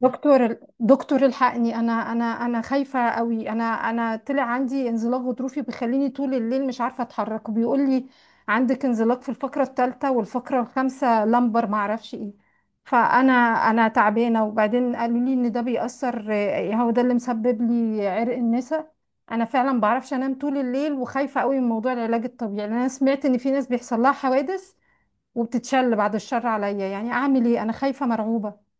دكتور دكتور الحقني، انا خايفه قوي. انا طلع عندي انزلاق غضروفي بيخليني طول الليل مش عارفه اتحرك، وبيقول لي عندك انزلاق في الفقره الثالثه والفقره الخامسه لمبر ما اعرفش ايه. فانا تعبانه، وبعدين قالوا لي ان ده بيأثر. هو ده اللي مسبب لي عرق النسا. انا فعلا ما بعرفش انام طول الليل، وخايفه قوي من موضوع العلاج الطبيعي، لأن انا سمعت ان في ناس بيحصل لها حوادث وبتتشل، بعد الشر عليا. يعني اعمل ايه؟ انا خايفه مرعوبه.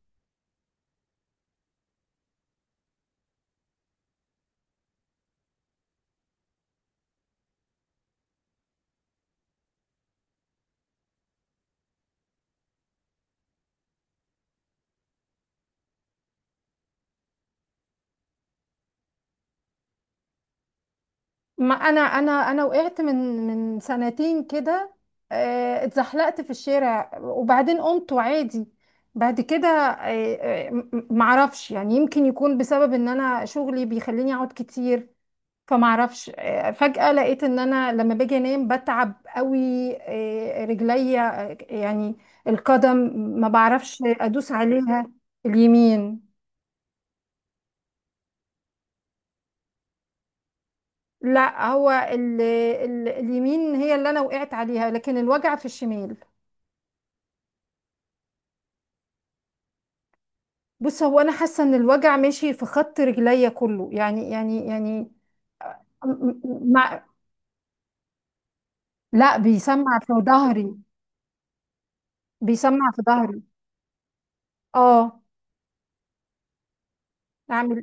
ما انا وقعت من سنتين كده. اتزحلقت في الشارع وبعدين قمت وعادي. بعد كده، معرفش، يعني يمكن يكون بسبب ان انا شغلي بيخليني اقعد كتير. فمعرفش، فجأة لقيت ان انا لما باجي انام بتعب قوي. رجليا، يعني القدم ما بعرفش ادوس عليها. اليمين. لا، هو ال اليمين هي اللي انا وقعت عليها، لكن الوجع في الشمال. بص، هو انا حاسه ان الوجع ماشي في خط رجليا كله يعني. م- م- مع لا، بيسمع في ظهري. بيسمع في ظهري. اه. اعمل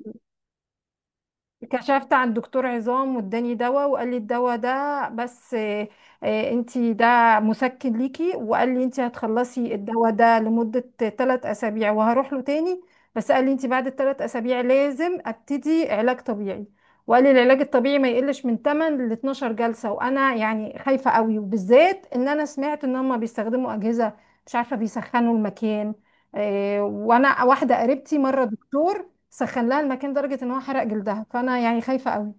كشفت عند دكتور عظام واداني دواء، وقال لي الدواء ده بس. انتي ده مسكن ليكي، وقال لي انتي هتخلصي الدواء ده لمدة 3 اسابيع وهروح له تاني. بس قال لي انتي بعد الثلاث اسابيع لازم ابتدي علاج طبيعي، وقال لي العلاج الطبيعي ما يقلش من 8 ل 12 جلسة. وانا يعني خايفة قوي، وبالذات ان انا سمعت ان هم بيستخدموا اجهزة مش عارفة بيسخنوا المكان. وانا واحدة قريبتي مرة دكتور سخن لها المكان لدرجة ان هو حرق جلدها، فانا يعني خايفة قوي.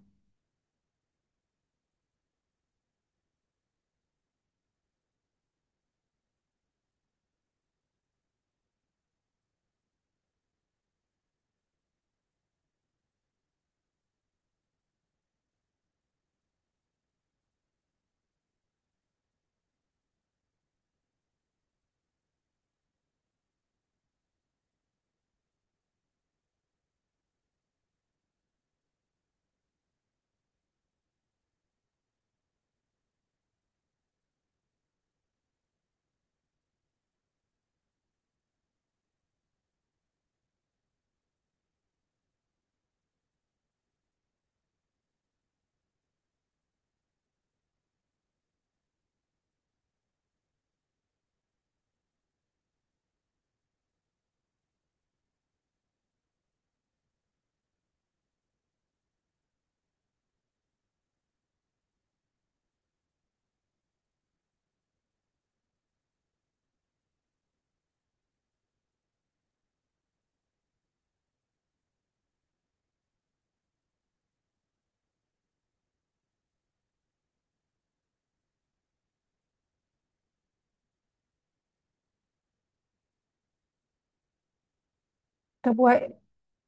طب و...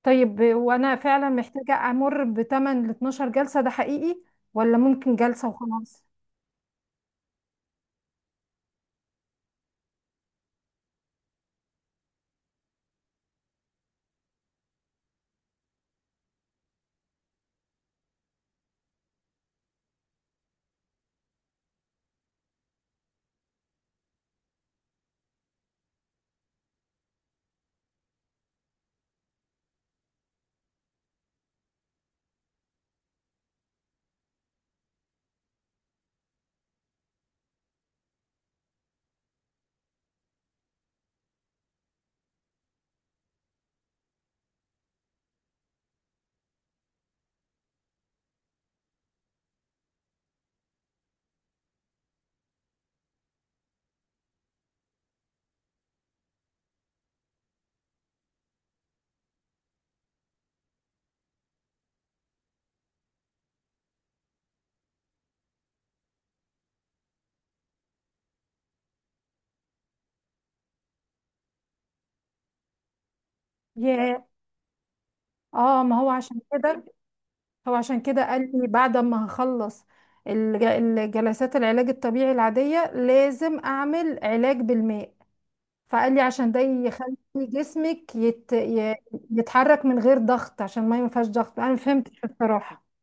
طيب، وانا فعلا محتاجة امر بتمن ل 12 جلسة ده حقيقي، ولا ممكن جلسة وخلاص؟ ياه. اه، ما هو عشان كده هو عشان كده قال لي بعد ما هخلص الجلسات العلاج الطبيعي العادية لازم اعمل علاج بالماء. فقال لي عشان ده يخلي جسمك يتحرك من غير ضغط، عشان الميه ما ينفعش ضغط، انا ما فهمتش بصراحة.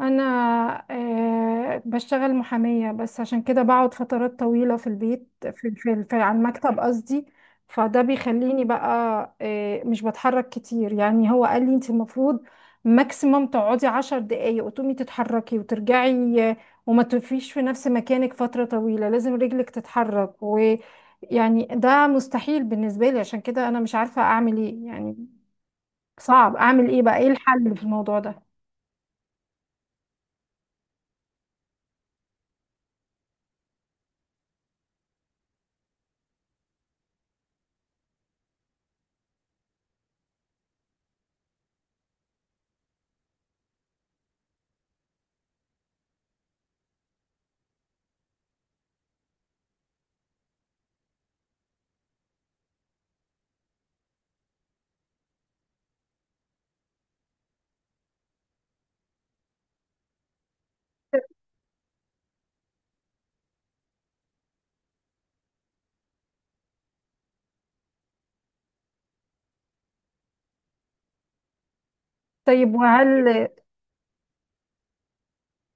انا بشتغل محامية، بس عشان كده بقعد فترات طويلة في البيت، في في في على المكتب قصدي. فده بيخليني بقى مش بتحرك كتير، يعني هو قال لي انت المفروض ماكسيموم تقعدي 10 دقايق وتقومي تتحركي وترجعي، وما تقفيش في نفس مكانك فترة طويلة، لازم رجلك تتحرك. ويعني ده مستحيل بالنسبة لي، عشان كده انا مش عارفة اعمل ايه، يعني صعب. اعمل ايه بقى؟ ايه الحل في الموضوع ده؟ طيب وهل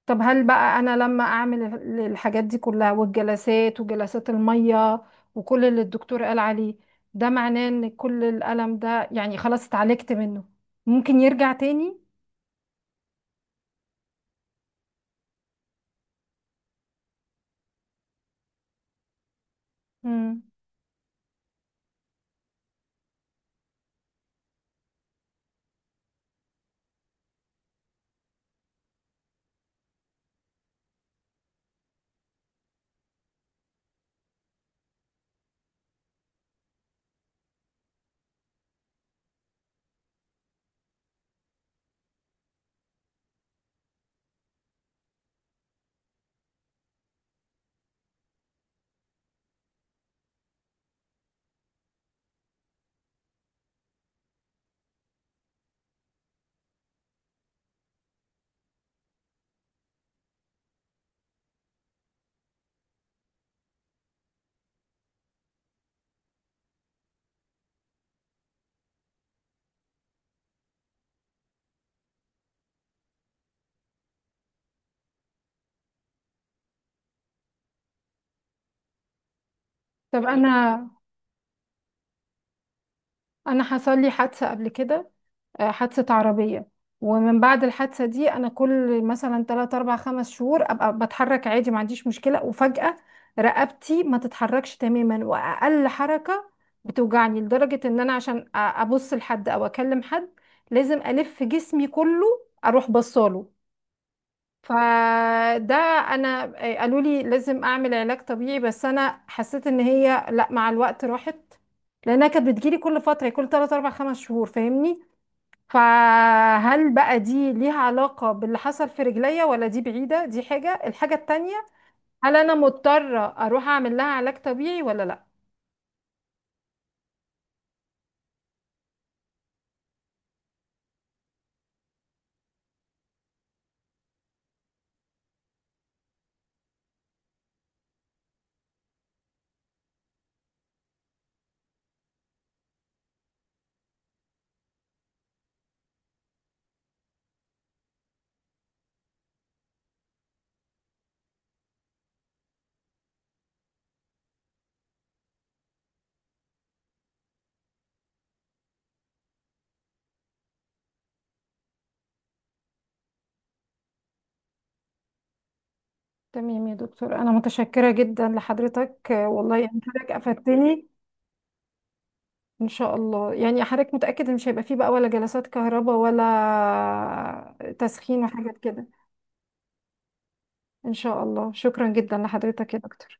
طب هل بقى انا لما اعمل الحاجات دي كلها والجلسات وجلسات المية وكل اللي الدكتور قال عليه، ده معناه ان كل الالم ده يعني خلاص اتعالجت منه؟ ممكن يرجع تاني؟ مم. طب انا حصل لي حادثة قبل كده. حادثة عربية. ومن بعد الحادثة دي أنا كل مثلا 3 4 5 شهور أبقى بتحرك عادي ما عنديش مشكلة، وفجأة رقبتي ما تتحركش تماما، وأقل حركة بتوجعني لدرجة إن أنا عشان أبص لحد أو أكلم حد لازم ألف جسمي كله أروح بصاله. فده، أنا قالوا لي لازم أعمل علاج طبيعي، بس أنا حسيت إن هي لأ، مع الوقت راحت، لأنها كانت بتجيلي كل فترة، كل 3 4 5 شهور، فاهمني؟ فهل بقى دي ليها علاقة باللي حصل في رجليا، ولا دي بعيدة، دي حاجة، الحاجة التانية؟ هل أنا مضطرة أروح أعمل لها علاج طبيعي ولا لأ؟ تمام يا دكتور، أنا متشكرة جدا لحضرتك. والله، يعني حضرتك أفدتني. إن شاء الله، يعني حضرتك متأكد إن مش هيبقى فيه بقى ولا جلسات كهرباء ولا تسخين وحاجات كده؟ إن شاء الله، شكرا جدا لحضرتك يا دكتور.